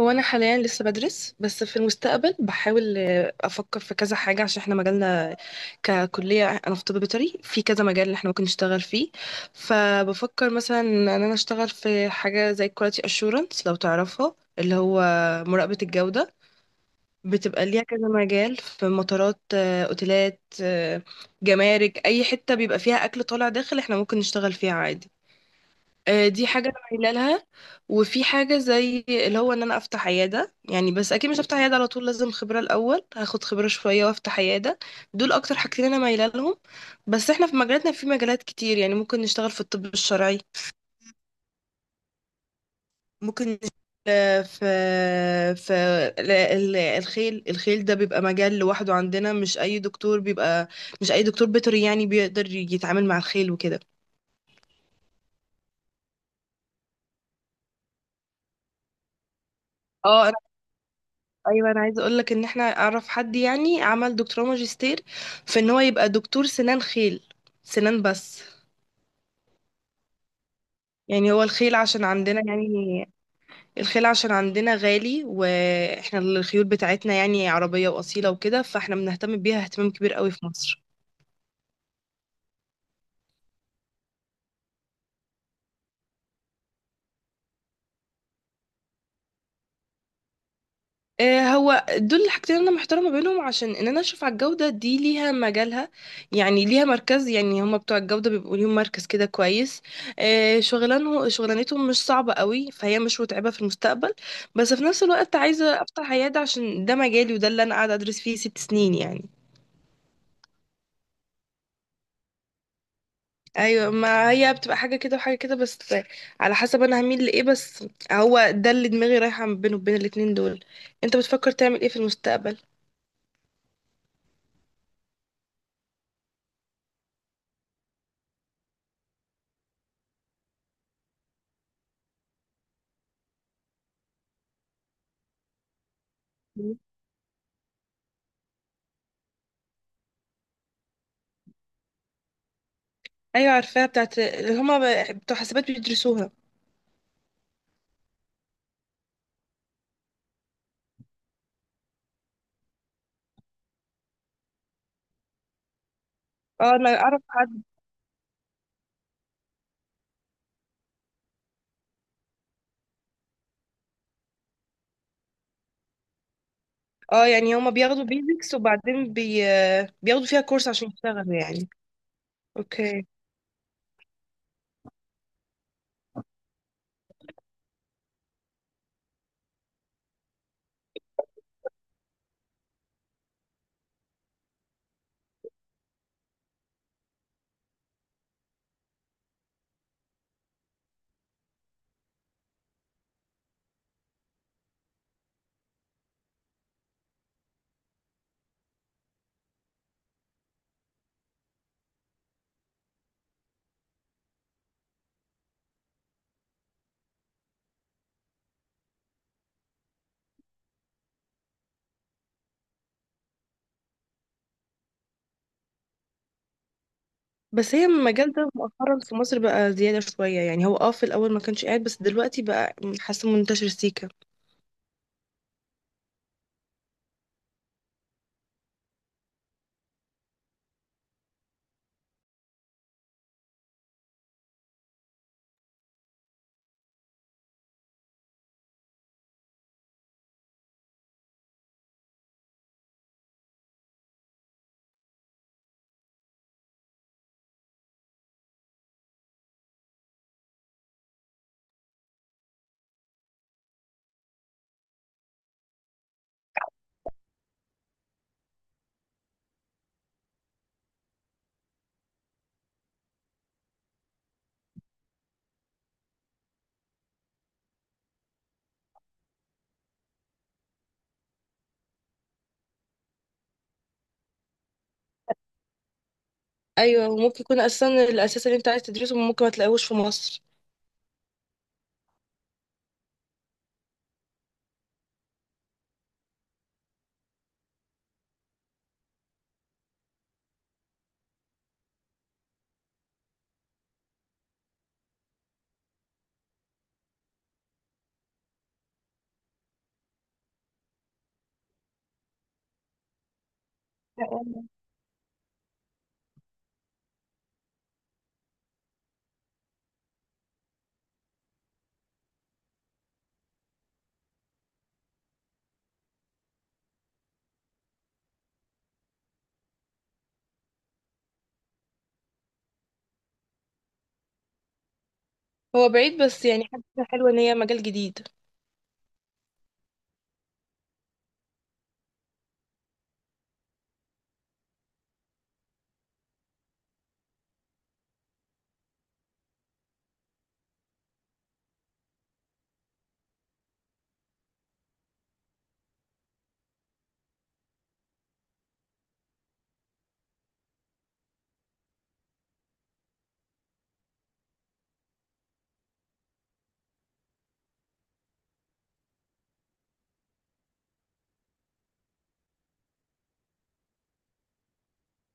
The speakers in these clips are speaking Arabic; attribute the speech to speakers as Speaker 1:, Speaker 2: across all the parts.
Speaker 1: هو انا حاليا لسه بدرس، بس في المستقبل بحاول افكر في كذا حاجه. عشان احنا مجالنا ككليه انا في طب بيطري، في كذا مجال اللي احنا ممكن نشتغل فيه. فبفكر مثلا ان انا اشتغل في حاجه زي كواليتي اشورنس، لو تعرفها، اللي هو مراقبه الجوده. بتبقى ليها كذا مجال، في مطارات، اوتيلات، جمارك، اي حته بيبقى فيها اكل طالع داخل احنا ممكن نشتغل فيها عادي. دي حاجة أنا مايلة لها. وفي حاجة زي اللي هو إن أنا أفتح عيادة، يعني بس أكيد مش هفتح عيادة على طول، لازم خبرة الأول، هاخد خبرة شوية وأفتح عيادة. دول أكتر حاجتين أنا مايلة لهم. بس إحنا في مجالاتنا، في مجالات كتير، يعني ممكن نشتغل في الطب الشرعي، ممكن نشتغل في الخيل. الخيل ده بيبقى مجال لوحده عندنا، مش أي دكتور بيبقى، مش أي دكتور بيطري يعني بيقدر يتعامل مع الخيل وكده. اه، ايوه، انا عايزه اقول لك ان احنا اعرف حد يعني عمل دكتوراه ماجستير في ان هو يبقى دكتور سنان خيل، سنان بس. يعني هو الخيل عشان عندنا، يعني الخيل عشان عندنا غالي، واحنا الخيول بتاعتنا يعني عربيه واصيله وكده، فاحنا بنهتم بيها اهتمام كبير قوي في مصر. هو دول الحاجتين اللي انا محترمه بينهم، عشان ان انا اشوف على الجوده دي ليها مجالها، يعني ليها مركز، يعني هما بتوع الجوده بيبقوا ليهم مركز كده كويس. شغلانتهم مش صعبه قوي، فهي مش متعبه في المستقبل. بس في نفس الوقت عايزه افتح عياده، عشان ده مجالي، وده اللي انا قاعده ادرس فيه 6 سنين يعني. ايوه، ما هي بتبقى حاجه كده وحاجه كده، بس على حسب انا هميل لايه. بس هو ده اللي دماغي رايحه بينه، وبين الاتنين دول. انت بتفكر تعمل ايه في المستقبل؟ ايوه عارفاها، بتاعت اللي هما بتوع حسابات بيدرسوها. اه انا اعرف حد. اه يعني هما بياخدوا بيزكس وبعدين بياخدوا فيها كورس عشان يشتغلوا يعني. اوكي. بس هي المجال ده مؤخرا في مصر بقى زيادة شوية، يعني هو اه في الأول ما كانش قاعد، بس دلوقتي بقى حاسة منتشر سيكا. أيوة، وممكن يكون أساسا الأساس اللي أنت عايز تدرسه ممكن ما تلاقوش في مصر. هو بعيد، بس يعني حاجة حلوة إن هي مجال جديد.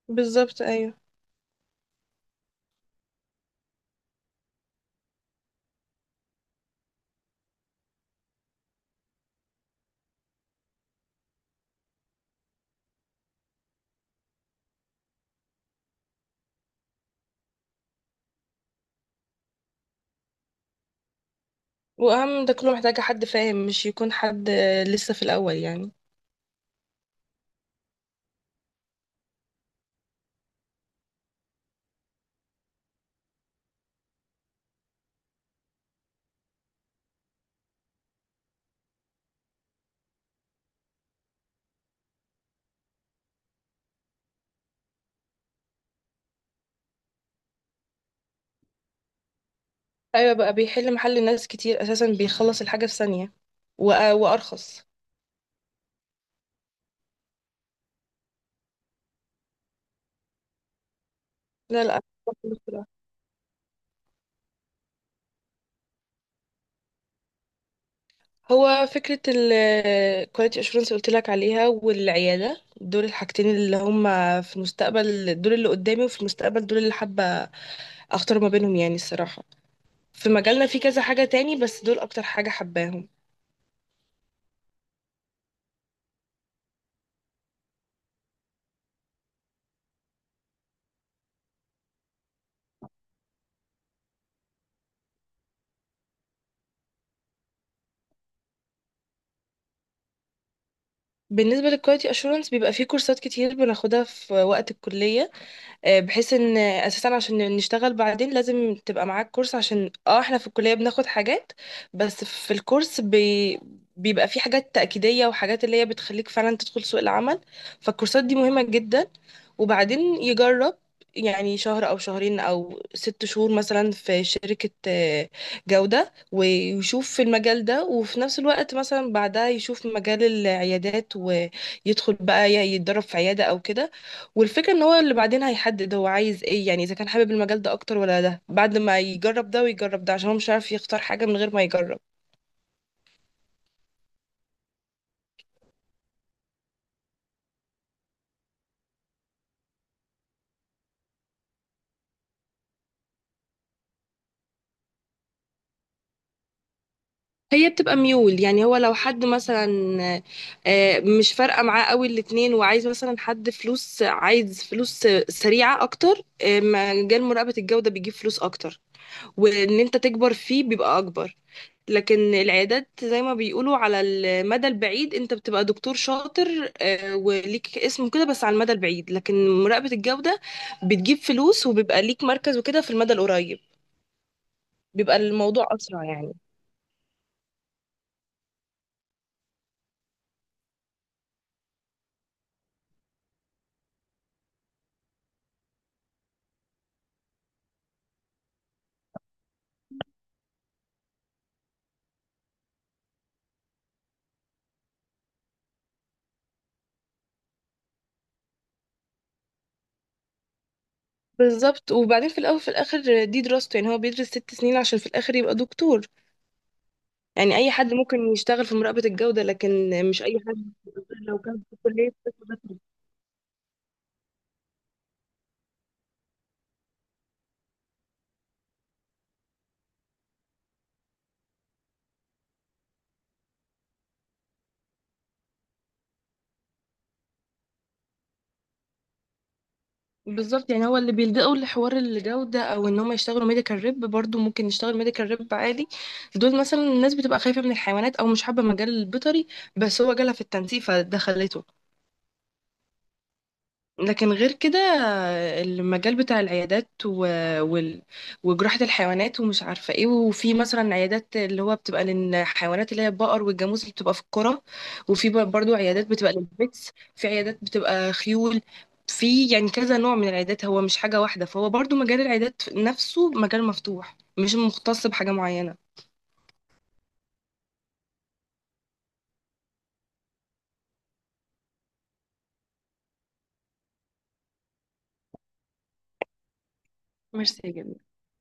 Speaker 1: بالظبط، أيوة. وأهم ده كله محتاجة حد فاهم، مش يكون حد لسه في الأول يعني. ايوه بقى بيحل محل ناس كتير اساسا، بيخلص الحاجه في ثانيه وارخص. لا لا، هو فكره الكواليتي اشورنس اللي قلت لك عليها، والعياده، دول الحاجتين اللي هم في المستقبل، دول اللي قدامي وفي المستقبل، دول اللي حابه اختار ما بينهم يعني الصراحه. في مجالنا في كذا حاجه تاني، بس دول اكتر حاجه حباهم. بالنسبه للكواليتي اشورنس، بيبقى في كورسات كتير بناخدها في وقت الكليه، بحيث ان اساسا عشان نشتغل بعدين لازم تبقى معاك كورس. عشان اه احنا في الكلية بناخد حاجات، بس في الكورس بيبقى في حاجات تأكيدية، وحاجات اللي هي بتخليك فعلا تدخل سوق العمل. فالكورسات دي مهمة جدا. وبعدين يجرب، يعني شهر او شهرين او 6 شهور مثلا في شركة جودة، ويشوف في المجال ده، وفي نفس الوقت مثلا بعدها يشوف مجال العيادات، ويدخل بقى يتدرب في عيادة او كده. والفكرة ان هو اللي بعدين هيحدد هو عايز ايه، يعني اذا كان حابب المجال ده اكتر ولا ده، بعد ما يجرب ده ويجرب ده، عشان هو مش عارف يختار حاجة من غير ما يجرب. هي بتبقى ميول، يعني هو لو حد مثلا مش فارقة معاه قوي الاتنين، وعايز مثلا حد فلوس، عايز فلوس سريعة اكتر، مجال مراقبة الجودة بيجيب فلوس اكتر، وان انت تكبر فيه بيبقى اكبر. لكن العيادات زي ما بيقولوا على المدى البعيد انت بتبقى دكتور شاطر، وليك اسم كده، بس على المدى البعيد. لكن مراقبة الجودة بتجيب فلوس، وبيبقى ليك مركز وكده في المدى القريب، بيبقى الموضوع أسرع يعني. بالظبط. وبعدين في الأول في الآخر دي دراسته، يعني هو بيدرس 6 سنين عشان في الآخر يبقى دكتور. يعني أي حد ممكن يشتغل في مراقبة الجودة، لكن مش أي حد لو كان في كلية طب بس. بالظبط. يعني هو اللي بيلجأوا لحوار الجودة، أو إن هم يشتغلوا ميديكال ريب، برضو ممكن يشتغل ميديكال ريب عادي. دول مثلا الناس بتبقى خايفة من الحيوانات، أو مش حابة مجال البيطري، بس هو جالها في التنسيق فده خلته. لكن غير كده، المجال بتاع وال... وجراحة الحيوانات ومش عارفة ايه. وفي مثلا عيادات اللي هو بتبقى للحيوانات اللي هي البقر والجاموس اللي بتبقى في القرى، وفي برضو عيادات بتبقى للبيتس، في عيادات بتبقى خيول. في يعني كذا نوع من العيادات، هو مش حاجة واحدة، فهو برضو مجال العيادات نفسه مجال مفتوح، مش مختص بحاجة معينة. ميرسي يا جميل.